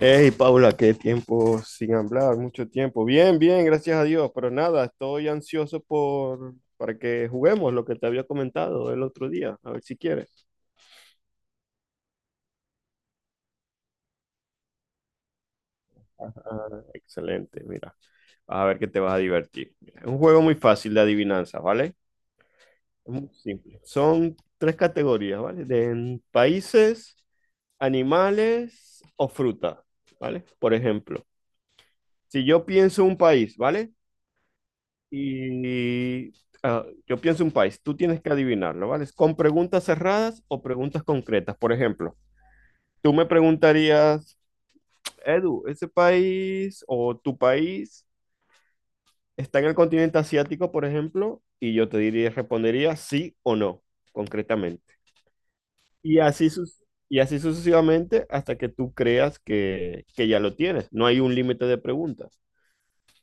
Hey Paula, qué tiempo sin hablar, mucho tiempo. Bien, bien, gracias a Dios, pero nada, estoy ansioso por para que juguemos lo que te había comentado el otro día, a ver si quieres. Ah, excelente, mira, vas a ver que te vas a divertir. Mira, es un juego muy fácil de adivinanza, ¿vale? Es muy simple. Son tres categorías, ¿vale? De países, animales o fruta, ¿vale? Por ejemplo, si yo pienso un país, ¿vale? Y yo pienso un país, tú tienes que adivinarlo, ¿vale? ¿Con preguntas cerradas o preguntas concretas? Por ejemplo, tú me preguntarías, Edu, ¿ese país o tu país está en el continente asiático, por ejemplo? Y yo te diría, respondería sí o no, concretamente. Y así, sus- y así sucesivamente hasta que tú creas que ya lo tienes. No hay un límite de preguntas.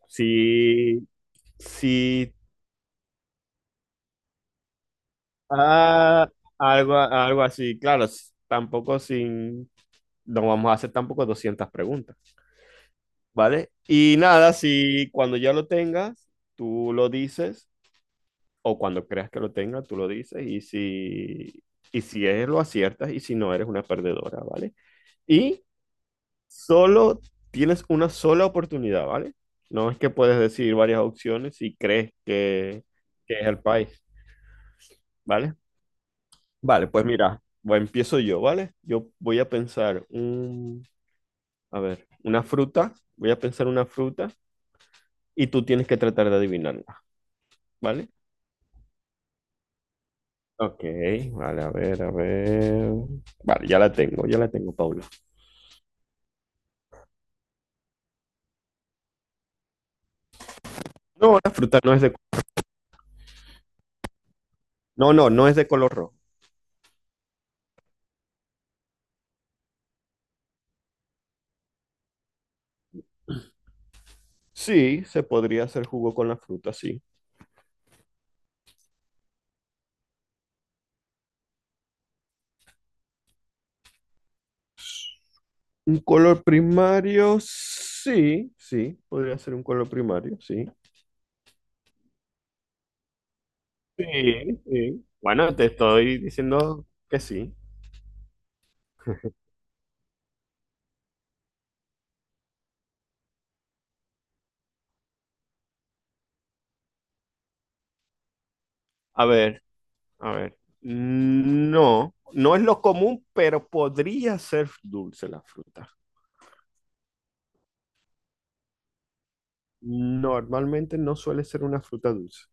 Si, si Ah, algo así, claro, tampoco sin, no vamos a hacer tampoco 200 preguntas, ¿vale? Y nada, si cuando ya lo tengas, tú lo dices, o cuando creas que lo tengas, tú lo dices, y si es, lo aciertas, y si no, eres una perdedora, ¿vale? Y solo tienes una sola oportunidad, ¿vale? No es que puedes decir varias opciones si crees que es el país, ¿vale? Vale, pues mira, empiezo yo, ¿vale? Yo voy a pensar un, A ver, una fruta, voy a pensar una fruta y tú tienes que tratar de adivinarla, ¿vale? Ok, vale, a ver, a ver. Vale, ya la tengo, Paula. No, la fruta no es de, no, no, no es de color rojo. Sí, se podría hacer jugo con la fruta, sí. Un color primario, sí, sí, podría ser un color primario, sí. Sí, sí. Bueno, te estoy diciendo que sí. A ver. A ver, no, no es lo común, pero podría ser dulce la fruta. Normalmente no suele ser una fruta dulce.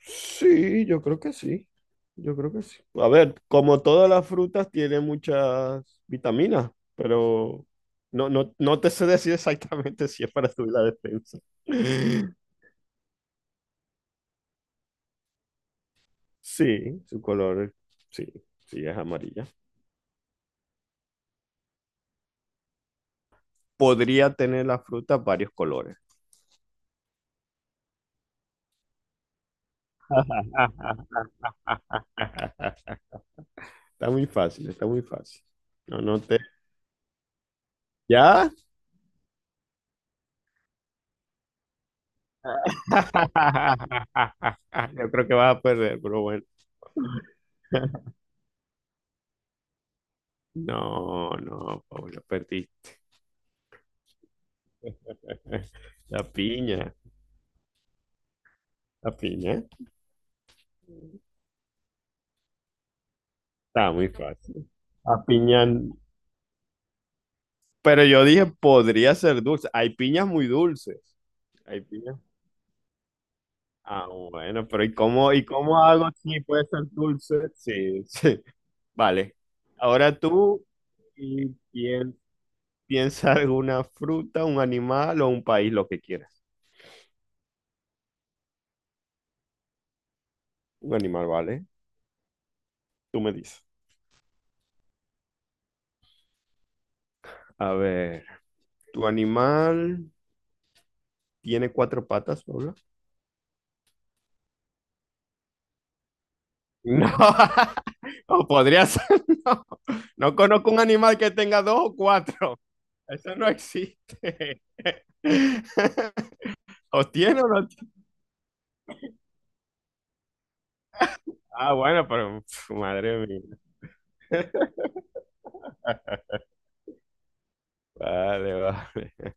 Sí, yo creo que sí. Yo creo que sí. A ver, como todas las frutas tiene muchas vitaminas, pero no te sé decir exactamente si es para subir la defensa. Sí, su color, sí, sí es amarilla. Podría tener la fruta varios colores. Está muy fácil, está muy fácil. No, no te. ¿Ya? Yo creo que vas a perder, pero bueno. No, no, Pablo, perdiste. La piña, la piña. Está muy fácil. La piña. Pero yo dije, podría ser dulce. Hay piñas muy dulces. Hay piñas. Ah, bueno, pero y cómo hago si puede ser dulce? Sí, sí. Vale. Ahora tú y quién Piensa alguna fruta, un animal o un país, lo que quieras. Un animal, ¿vale? Tú me dices. A ver, ¿tu animal tiene cuatro patas, Paula? No, o podría ser, no. No conozco un animal que tenga dos o cuatro. Eso no existe. ¿O tiene o no? Ah, bueno, pero pf, madre mía. Vale, vale.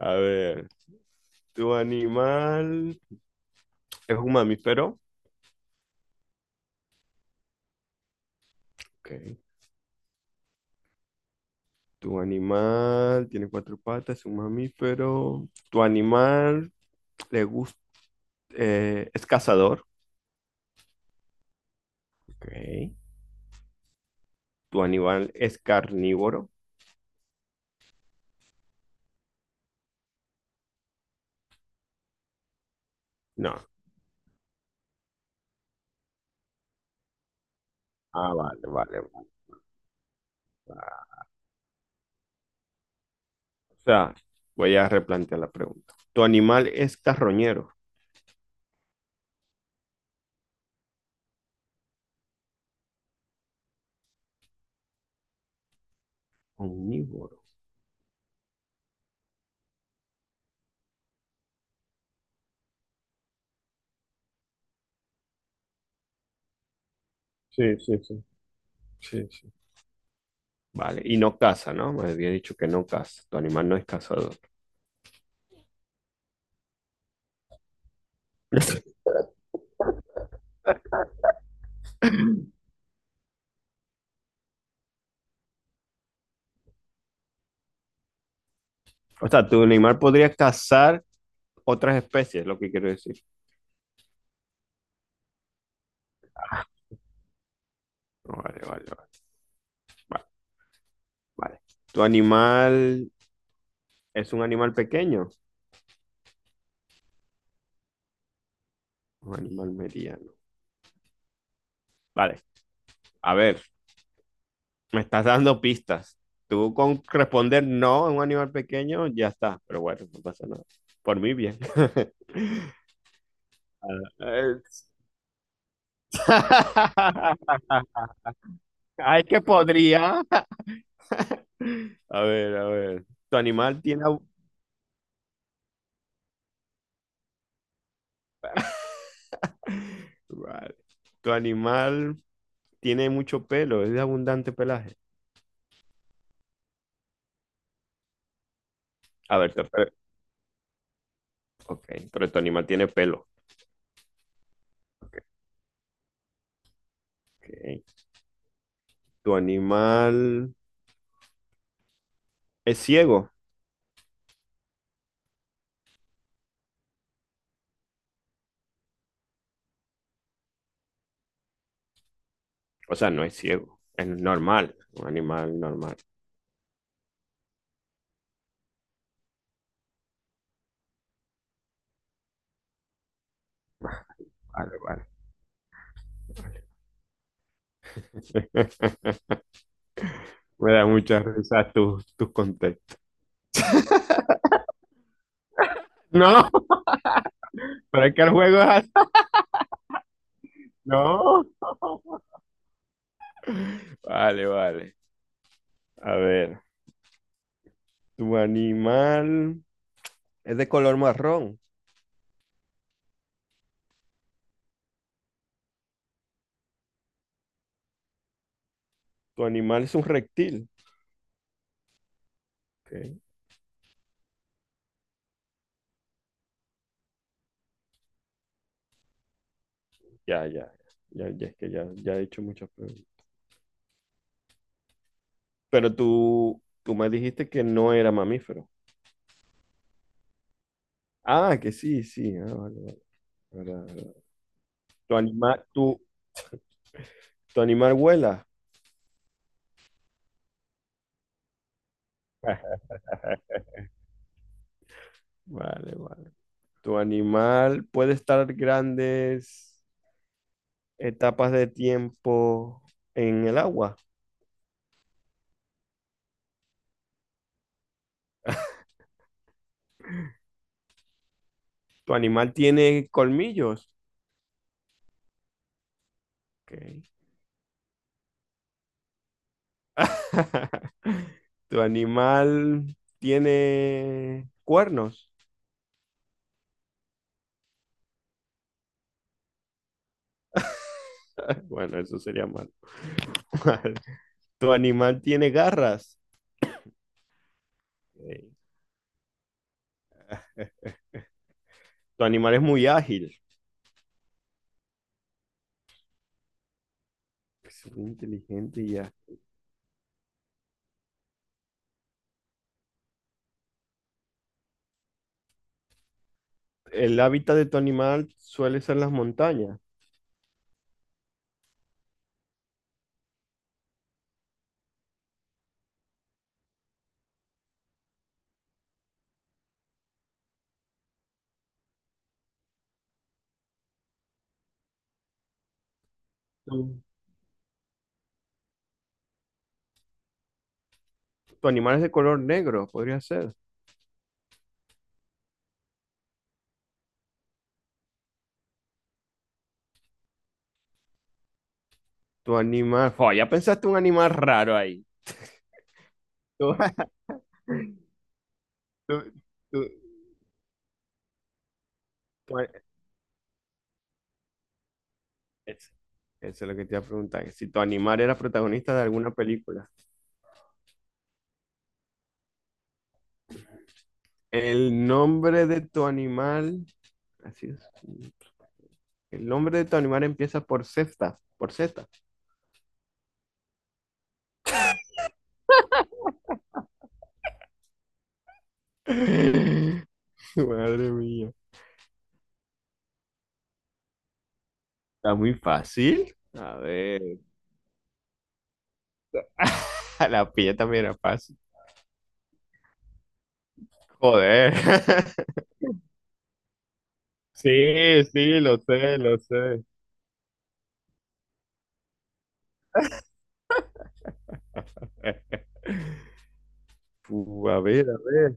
A ver, ¿tu animal es un mamífero? Ok. Tu animal tiene cuatro patas, es un mamífero. Tu animal le gust- Eh, es cazador. Ok. Tu animal es carnívoro. No. Ah, vale. O sea, voy a replantear la pregunta. Tu animal es carroñero. Omnívoro. Sí. Sí, sí. Vale. Y no caza, ¿no? Me había dicho que no caza. Tu animal no es cazador. O sea, tu animal podría cazar otras especies, es lo que quiero decir. Vale, vale, vale. Vale. ¿Tu animal es un animal pequeño? Un animal mediano. Vale. A ver, me estás dando pistas. Tú con responder no a un animal pequeño, ya está. Pero bueno, no pasa nada. Por mí, bien. Eh, ay, que podría. A ver, a ver. ¿Tu animal tiene... abu- Vale. ¿Tu animal tiene mucho pelo? ¿Es de abundante pelaje? A ver, te- ok. Pero tu animal tiene pelo. Ok. Ok. Tu animal es ciego. O sea, no es ciego, es normal, un animal normal. Vale, vale. Me da mucha risa tus contextos. No, pero es que el juego es así. No. Vale, vale. A ver, tu animal, es de color marrón. Tu animal es un reptil. Ok, Ya, ya, ya, es que ya he hecho muchas preguntas. Pero tú me dijiste que no era mamífero. Ah, que sí, sí. Ah, vale, vale. Ahora- Tu animal, tu, tu animal vuela. Vale, vale. Tu animal puede estar grandes etapas de tiempo en el agua. Tu animal tiene colmillos. Ok. Tu animal tiene cuernos. Bueno, eso sería mal. Tu animal tiene garras. Ok. Tu animal es muy ágil. Es muy inteligente y ya. El hábitat de tu animal suele ser las montañas. Tu animal es de color negro, podría ser. Tu animal. Oh, ya pensaste un animal raro ahí. Tu, tu- tu- tu- eso, eso es lo que te iba a preguntar. Si tu animal era protagonista de alguna película. El nombre de tu animal. Así es. El nombre de tu animal empieza por Z. Por Z. Madre mía. Está muy fácil. A ver. La pilla también era fácil. Joder. Sí, sí, lo sé, lo sé. A ver,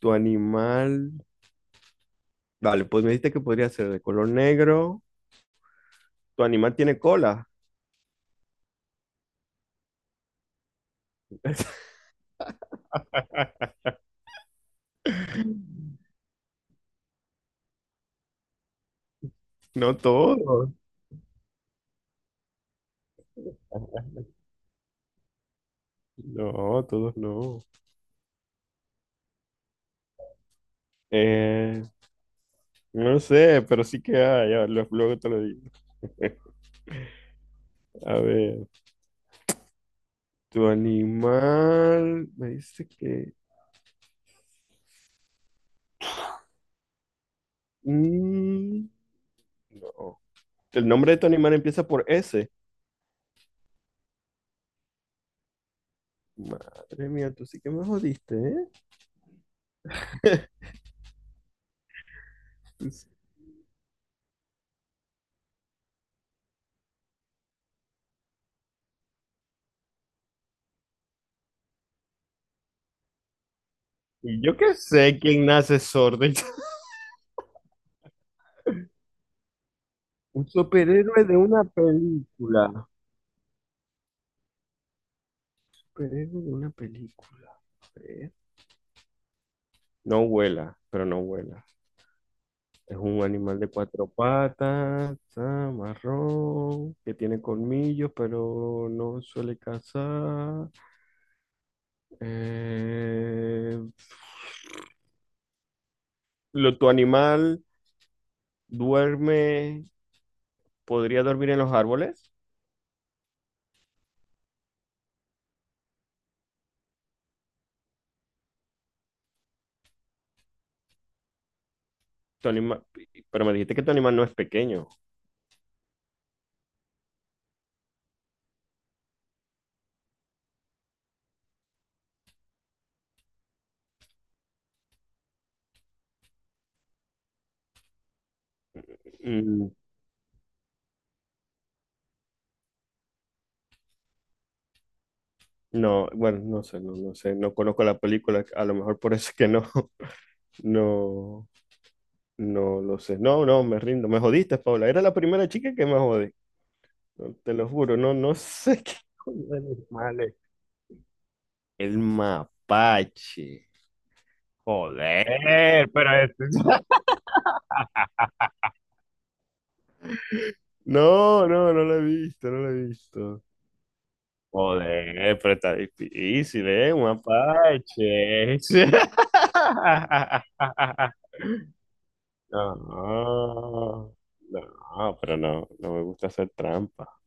tu animal. Vale, pues me dijiste que podría ser de color negro. Tu animal tiene cola. No todos. No, todos no. Eh, no sé, pero sí que hay. Ya, luego te lo digo. A ver, tu animal. Me dice que. mm, no. El nombre de tu animal empieza por S. Madre mía, tú sí que me jodiste, ¿eh? Tú sí- Y yo qué sé quién nace sordo. Un superhéroe de una película. Superhéroe de una película. A ver. No vuela, pero no vuela. Es un animal de cuatro patas, ah, marrón, que tiene colmillos, pero no suele cazar. Eh, ¿Tu animal duerme, podría dormir en los árboles? Tu anima- pero me dijiste que tu animal no es pequeño. Mm, no, bueno, no sé, no, no sé, no conozco la película, a lo mejor por eso es que no. No, no lo sé. No, no, me rindo. Me jodiste, Paula. Era la primera chica que me jodí. No, te lo juro, no, no sé qué coño de animal el mapache. Joder, pero es- No, no, no lo he visto, no lo he visto. Joder, pero está difícil, ¿eh? Un mapache. No, no, pero no, no me gusta hacer trampa.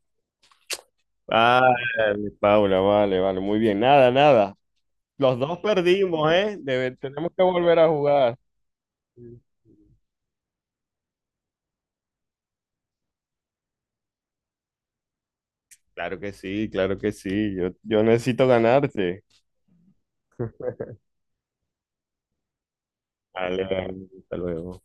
Ah, mi Paula, vale, vale, muy bien. Nada, nada. Los dos perdimos, ¿eh? Debe- tenemos que volver a jugar. Sí. Claro que sí, claro que sí. Yo necesito ganarte. Vale, vale, hasta luego.